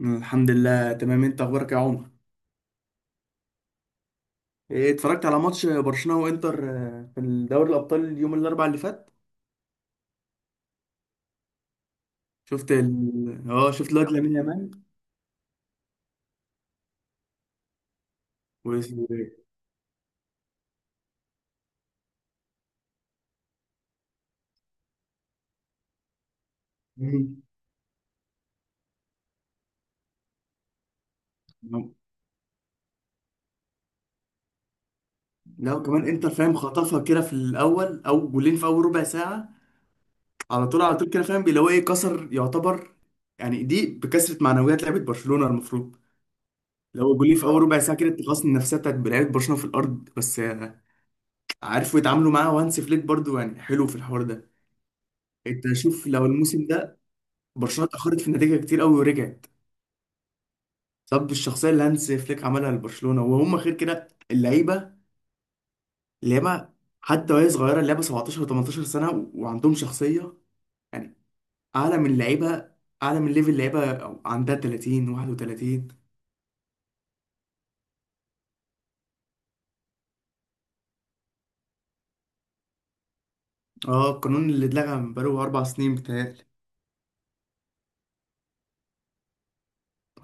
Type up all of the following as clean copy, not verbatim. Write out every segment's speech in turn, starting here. الحمد لله، تمام. انت اخبارك يا عمر؟ ايه، اتفرجت على ماتش برشلونة وانتر في دوري الابطال اليوم الاربعاء اللي فات. شفت ال... اه، شفت الواد لامين يامال. و... مم. لا وكمان انتر فاهم خطفها كده في الاول، او جولين في اول ربع ساعة على طول على طول كده، فاهم اللي هو ايه، كسر يعتبر. يعني دي بكسرة معنويات لعيبة برشلونة المفروض. لو جولين في اول ربع ساعة كده التقاص النفسية بتاعت لعيبة برشلونة في الارض، بس عارفوا يتعاملوا معاه، وهانسي فليك برضو يعني حلو في الحوار ده. انت شوف، لو الموسم ده برشلونه اتاخرت في النتيجه كتير قوي ورجعت بسبب الشخصيه اللي هانز فليك عملها لبرشلونه، وهم غير كده اللعيبه حتى وهي صغيره. اللعيبه 17 و18 سنه وعندهم شخصيه يعني اعلى من لعيبه، اعلى من ليفل لعيبه عندها 30 31. اه القانون اللي اتلغى من بقاله 4 سنين بتهيألي.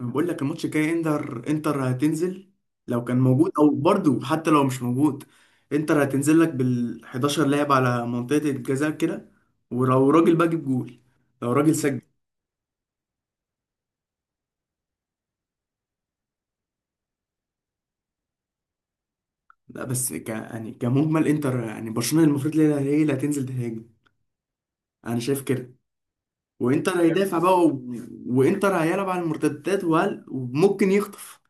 بقول لك الماتش الجاي، انتر هتنزل لو كان موجود. مم. او برضو حتى لو مش موجود، انتر هتنزل لك بال 11 لاعب على منطقة الجزاء كده، ولو راجل بقى جيب جول، لو راجل سجل. لا بس يعني كمجمل انتر، يعني برشلونة المفروض هي اللي هتنزل تهاجم. انا شايف كده. وانتر هي هيدافع، بص بقى وانتر هيلعب على المرتدات، وممكن يخطف،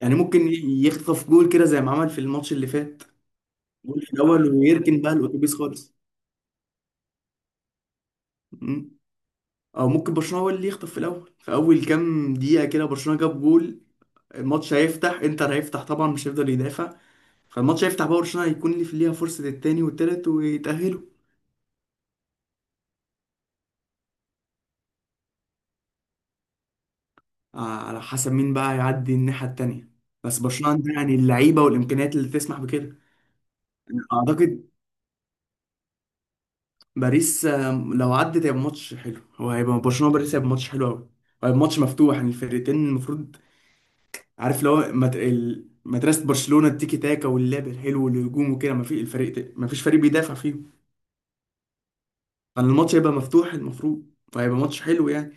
يعني ممكن يخطف جول كده زي ما عمل في الماتش اللي فات. جول في الاول انا ويركن بقى، متفق الاتوبيس خالص. او ممكن برشلونه هو اللي يخطف في الاول، في اول كام دقيقه كده برشلونه جاب جول، الماتش هيفتح، انتر هيفتح طبعا مش هيفضل يدافع. فالماتش هيفتح بقى، برشلونه هيكون اللي في ليها فرصه التاني والتالت ويتاهلوا. على حسب مين بقى يعدي الناحيه التانيه. بس برشلونه عندها يعني اللعيبه والامكانيات اللي تسمح بكده. اعتقد باريس لو عدت هيبقى ماتش حلو. هو هيبقى برشلونه باريس، هيبقى ماتش حلو قوي، هيبقى ماتش مفتوح يعني الفرقتين المفروض. عارف لو مدرسة برشلونة التيكي تاكا واللعب الحلو والهجوم وكده، ما في الفريق ما فيش فريق بيدافع فيهم، كان الماتش هيبقى مفتوح المفروض، فهيبقى ماتش حلو يعني.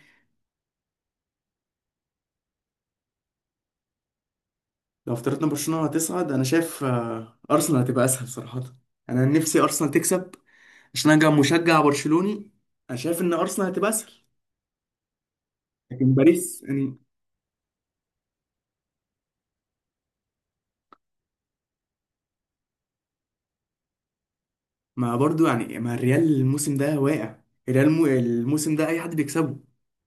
لو افترضنا برشلونة هتصعد، انا شايف ارسنال هتبقى اسهل صراحة. انا نفسي ارسنال تكسب عشان انا مشجع برشلوني. انا شايف ان ارسنال هتبقى اسهل. لكن باريس يعني، ما برضو يعني ما الريال الموسم ده واقع. الريال الموسم ده اي حد بيكسبه،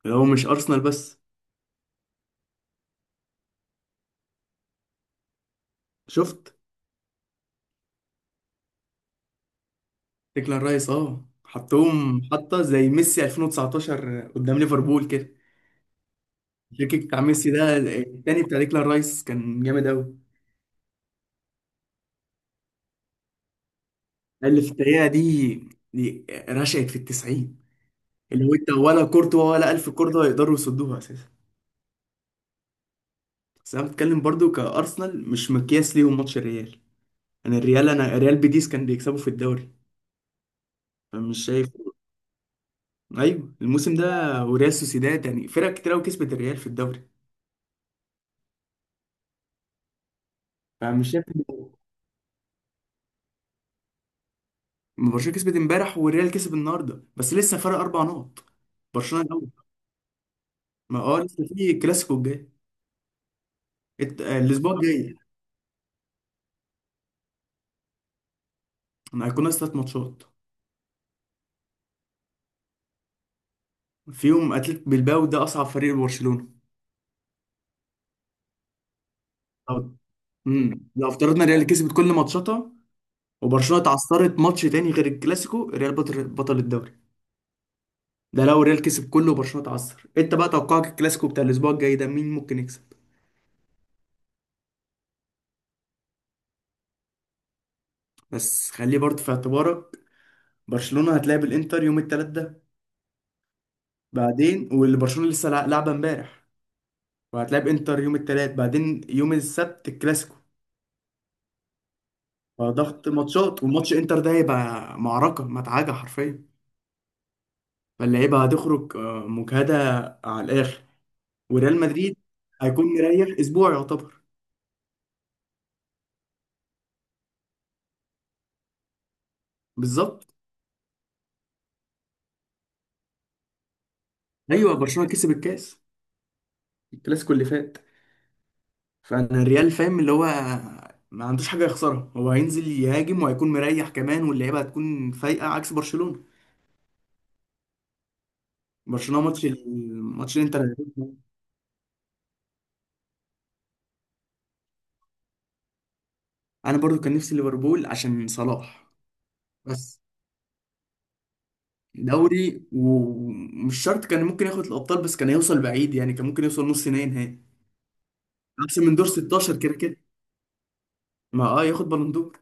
لو مش ارسنال بس. شفت ديكلان رايس، اه حطهم حطه زي ميسي 2019 قدام ليفربول كده. الفريك بتاع ميسي ده التاني بتاع ديكلان رايس كان جامد قوي. اللي في الدقيقه دي، دي رشقت في التسعين. اللي هو انت ولا كورتوا ولا الف كورتوا يقدروا يصدوها اساسا. بس انا بتكلم برضو كارسنال مش مقياس ليهم ماتش الريال. انا الريال، انا ريال بيتيس كان بيكسبوا في الدوري، فمش شايف. ايوه الموسم ده، وريال سوسيداد يعني فرق كتير قوي كسبت الريال في الدوري، فمش شايف. ما برشلونه كسبت امبارح والريال كسب النهارده، بس لسه فرق 4 نقط. برشلونه الاول. ما اه لسه في كلاسيكو الجاي، الاسبوع الجاي. ما هيكون ناقص 3 ماتشات، فيهم اتلتيك بلباو، ده اصعب فريق لبرشلونه. أو- امم، لو افترضنا الريال كسبت كل ماتشاتها وبرشلونه اتعثرت ماتش تاني غير الكلاسيكو، الريال بطل الدوري. ده لو الريال كسب كله وبرشلونه اتعثر. انت بقى توقعك الكلاسيكو بتاع الاسبوع الجاي ده مين ممكن يكسب؟ بس خليه برضه في اعتبارك، برشلونه هتلاعب الانتر يوم التلات ده، بعدين واللي برشلونه لسه لعبه امبارح، وهتلعب انتر يوم الثلاث، بعدين يوم السبت الكلاسيكو. فضغط ماتشات، والماتش انتر ده هيبقى معركة مدعكة حرفيا. فاللعيبة هتخرج مجهدة على الآخر. وريال مدريد هيكون مريح أسبوع يعتبر. بالظبط. أيوه برشلونة كسب الكاس الكلاسيكو اللي فات. فأنا الريال فاهم اللي هو ما عندوش حاجة يخسرها، هو هينزل يهاجم وهيكون مريح كمان، واللعيبة هتكون فايقة عكس برشلونة. برشلونة ماتش، الماتش الانتر هيكون- أنا برضو كان نفسي ليفربول عشان صلاح. بس دوري، ومش شرط كان ممكن ياخد الابطال، بس كان هيوصل بعيد يعني، كان ممكن يوصل نص نهائي نهائي، احسن من دور 16 كده كده. ما اه ياخد بالون دور.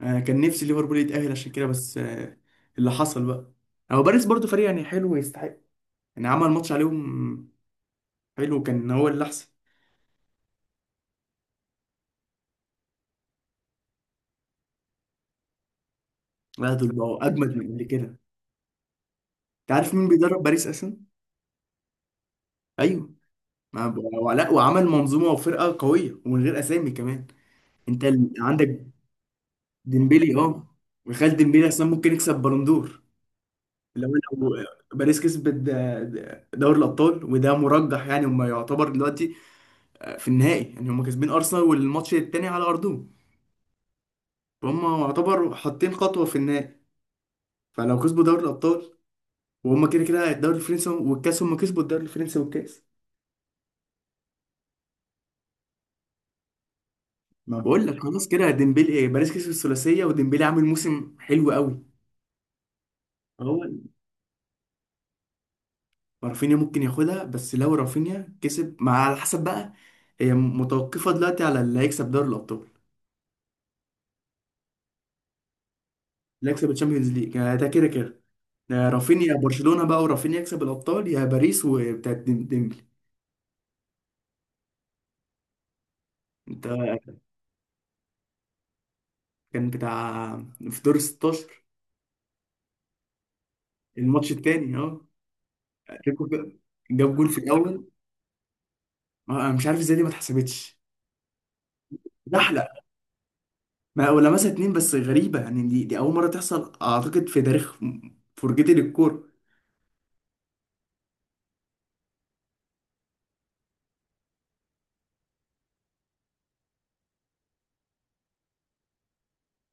آه كان نفسي ليفربول يتاهل عشان كده، بس آه اللي حصل بقى. هو باريس برضو فريق يعني حلو ويستحق، يعني عمل ماتش عليهم حلو، كان هو اللي احسن. لا دول بقوا اجمد من اللي كده. انت عارف مين بيدرب باريس اصلا؟ ايوه. ما ب- ولا، وعمل منظومه وفرقه قويه ومن غير اسامي كمان. عندك ديمبلي، اه. وخال ديمبلي اصلا ممكن يكسب بالون دور. لو باريس كسبت دوري الابطال، وده مرجح يعني، هم يعتبر دلوقتي في النهائي، يعني هم كاسبين ارسنال والماتش التاني على ارضهم. فهم يعتبر حاطين خطوه في النهائي. فلو كسبوا دوري الابطال، وهم كده كده الدوري الفرنسي والكاس، هم كسبوا الدوري الفرنسي والكاس. ما بقول لك خلاص كده ديمبلي، ايه باريس كسب الثلاثيه وديمبلي عامل موسم حلو قوي. هو رافينيا ممكن ياخدها، بس لو رافينيا كسب مع، على حسب بقى. هي متوقفه دلوقتي على اللي هيكسب دوري الابطال. اللي هيكسب الشامبيونز ليج يعني ده كده كده رافينيا برشلونة بقى، ورافينيا يكسب الأبطال يا باريس وبتاعت ديمبلي. انت كان بتاع في دور 16 الماتش التاني، اه. اتلتيكو جاب جول في الأول، أنا مش عارف ازاي دي ما اتحسبتش. زحلق. ما ولا مثلا اتنين، بس غريبة يعني دي أول مرة تحصل أعتقد في تاريخ فرجتي للكورة.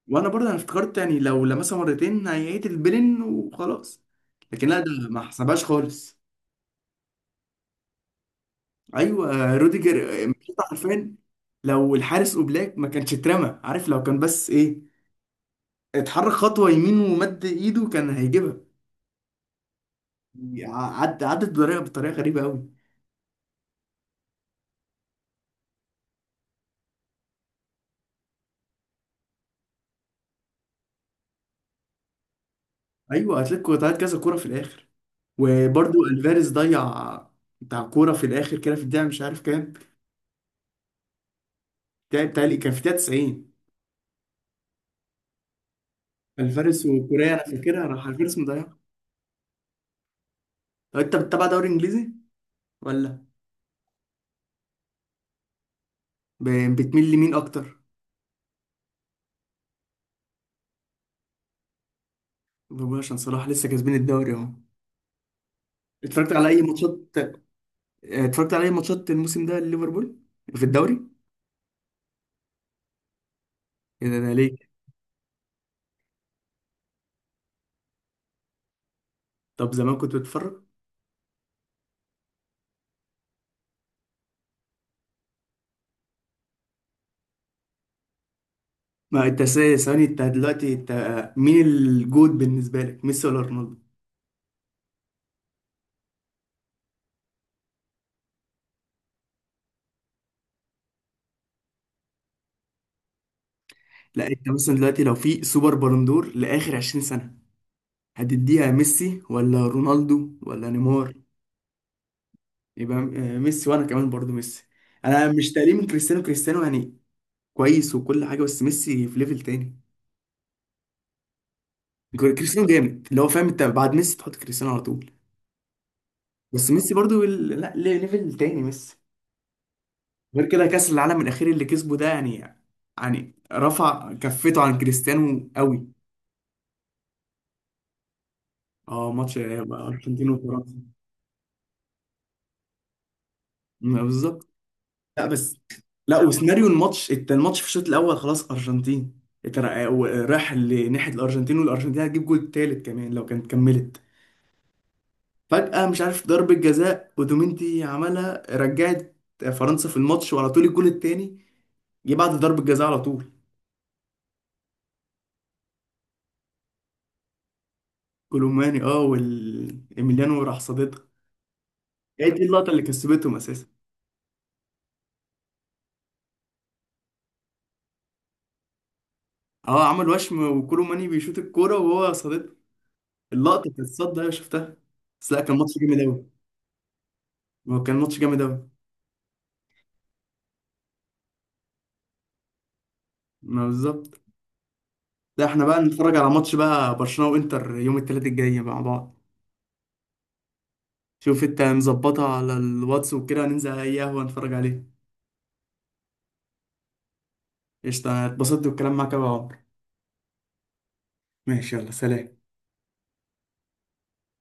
وأنا برضه أنا افتكرت يعني لو لمسها مرتين هيعيد البلن وخلاص، لكن لا ده ما حسبهاش خالص. ايوه روديجر مش حرفيا، لو الحارس اوبلاك ما كانش اترمى، عارف لو كان بس ايه، اتحرك خطوه يمين ومد ايده كان هيجيبها. عد عدت بطريقه غريبه قوي. ايوه اتلتيكو ضيعت كذا كوره في الاخر، وبرضو الفاريز ضيع بتاع كوره في الاخر كده في الدقيقه مش عارف كام، بتاعي كان في الدقيقه 90. الفاريز وكوريا انا فاكرها، راح الفاريز مضيعها. طب انت بتتابع دوري انجليزي ولا بتميل لمين اكتر؟ بقول عشان صلاح لسه كاسبين الدوري اهو. اتفرجت على اي ماتشات، اتفرجت على اي ماتشات الموسم ده لليفربول في الدوري؟ يعني انا ليه. طب زمان كنت بتفرج. ما انت ثواني، انت دلوقتي، انت مين الجود بالنسبه لك، ميسي ولا رونالدو؟ لا انت مثلا دلوقتي، لو في سوبر بالندور لاخر 20 سنه هتديها ميسي ولا رونالدو ولا نيمار؟ يبقى ميسي، وانا كمان برضو ميسي. انا مش تقليل من كريستيانو، كريستيانو يعني كويس وكل حاجه، بس ميسي في ليفل تاني. كريستيانو جامد، اللي هو فاهم انت بعد ميسي تحط كريستيانو على طول. بس ميسي برضو ال- لا ليه- ليفل تاني ميسي. غير كده كأس العالم الأخير اللي كسبه ده يعني، يعني رفع كفته عن كريستيانو قوي. اه ماتش أرجنتين وفرنسا. ما بالظبط. لا بس، لا وسيناريو الماتش، الماتش في الشوط الأول خلاص أرجنتين راح لناحية الأرجنتين، والأرجنتين هتجيب جول تالت كمان لو كانت كملت. فجأة مش عارف ضربة جزاء ودومينتي عملها، رجعت فرنسا في الماتش. وعلى طول الجول التاني جه بعد ضربة جزاء على طول. كولوماني، اه إيميليانو راح صاددها. هي دي اللقطة اللي كسبتهم أساسا. اه عمل وشم وكولو ماني بيشوط الكورة وهو صادته. اللقطة بتاعت الصد أيوة شفتها. بس لا، كان ماتش جامد أوي. هو كان ماتش جامد أوي. ما بالظبط. لا احنا بقى نتفرج على ماتش بقى برشلونة وإنتر يوم التلات الجاي مع بعض. شوف انت مظبطها على الواتس وكده، ننزل أي قهوة نتفرج عليه. قشطة، اتبسطت بالكلام معاك أوي يا عمر. ماشي، يلا سلام.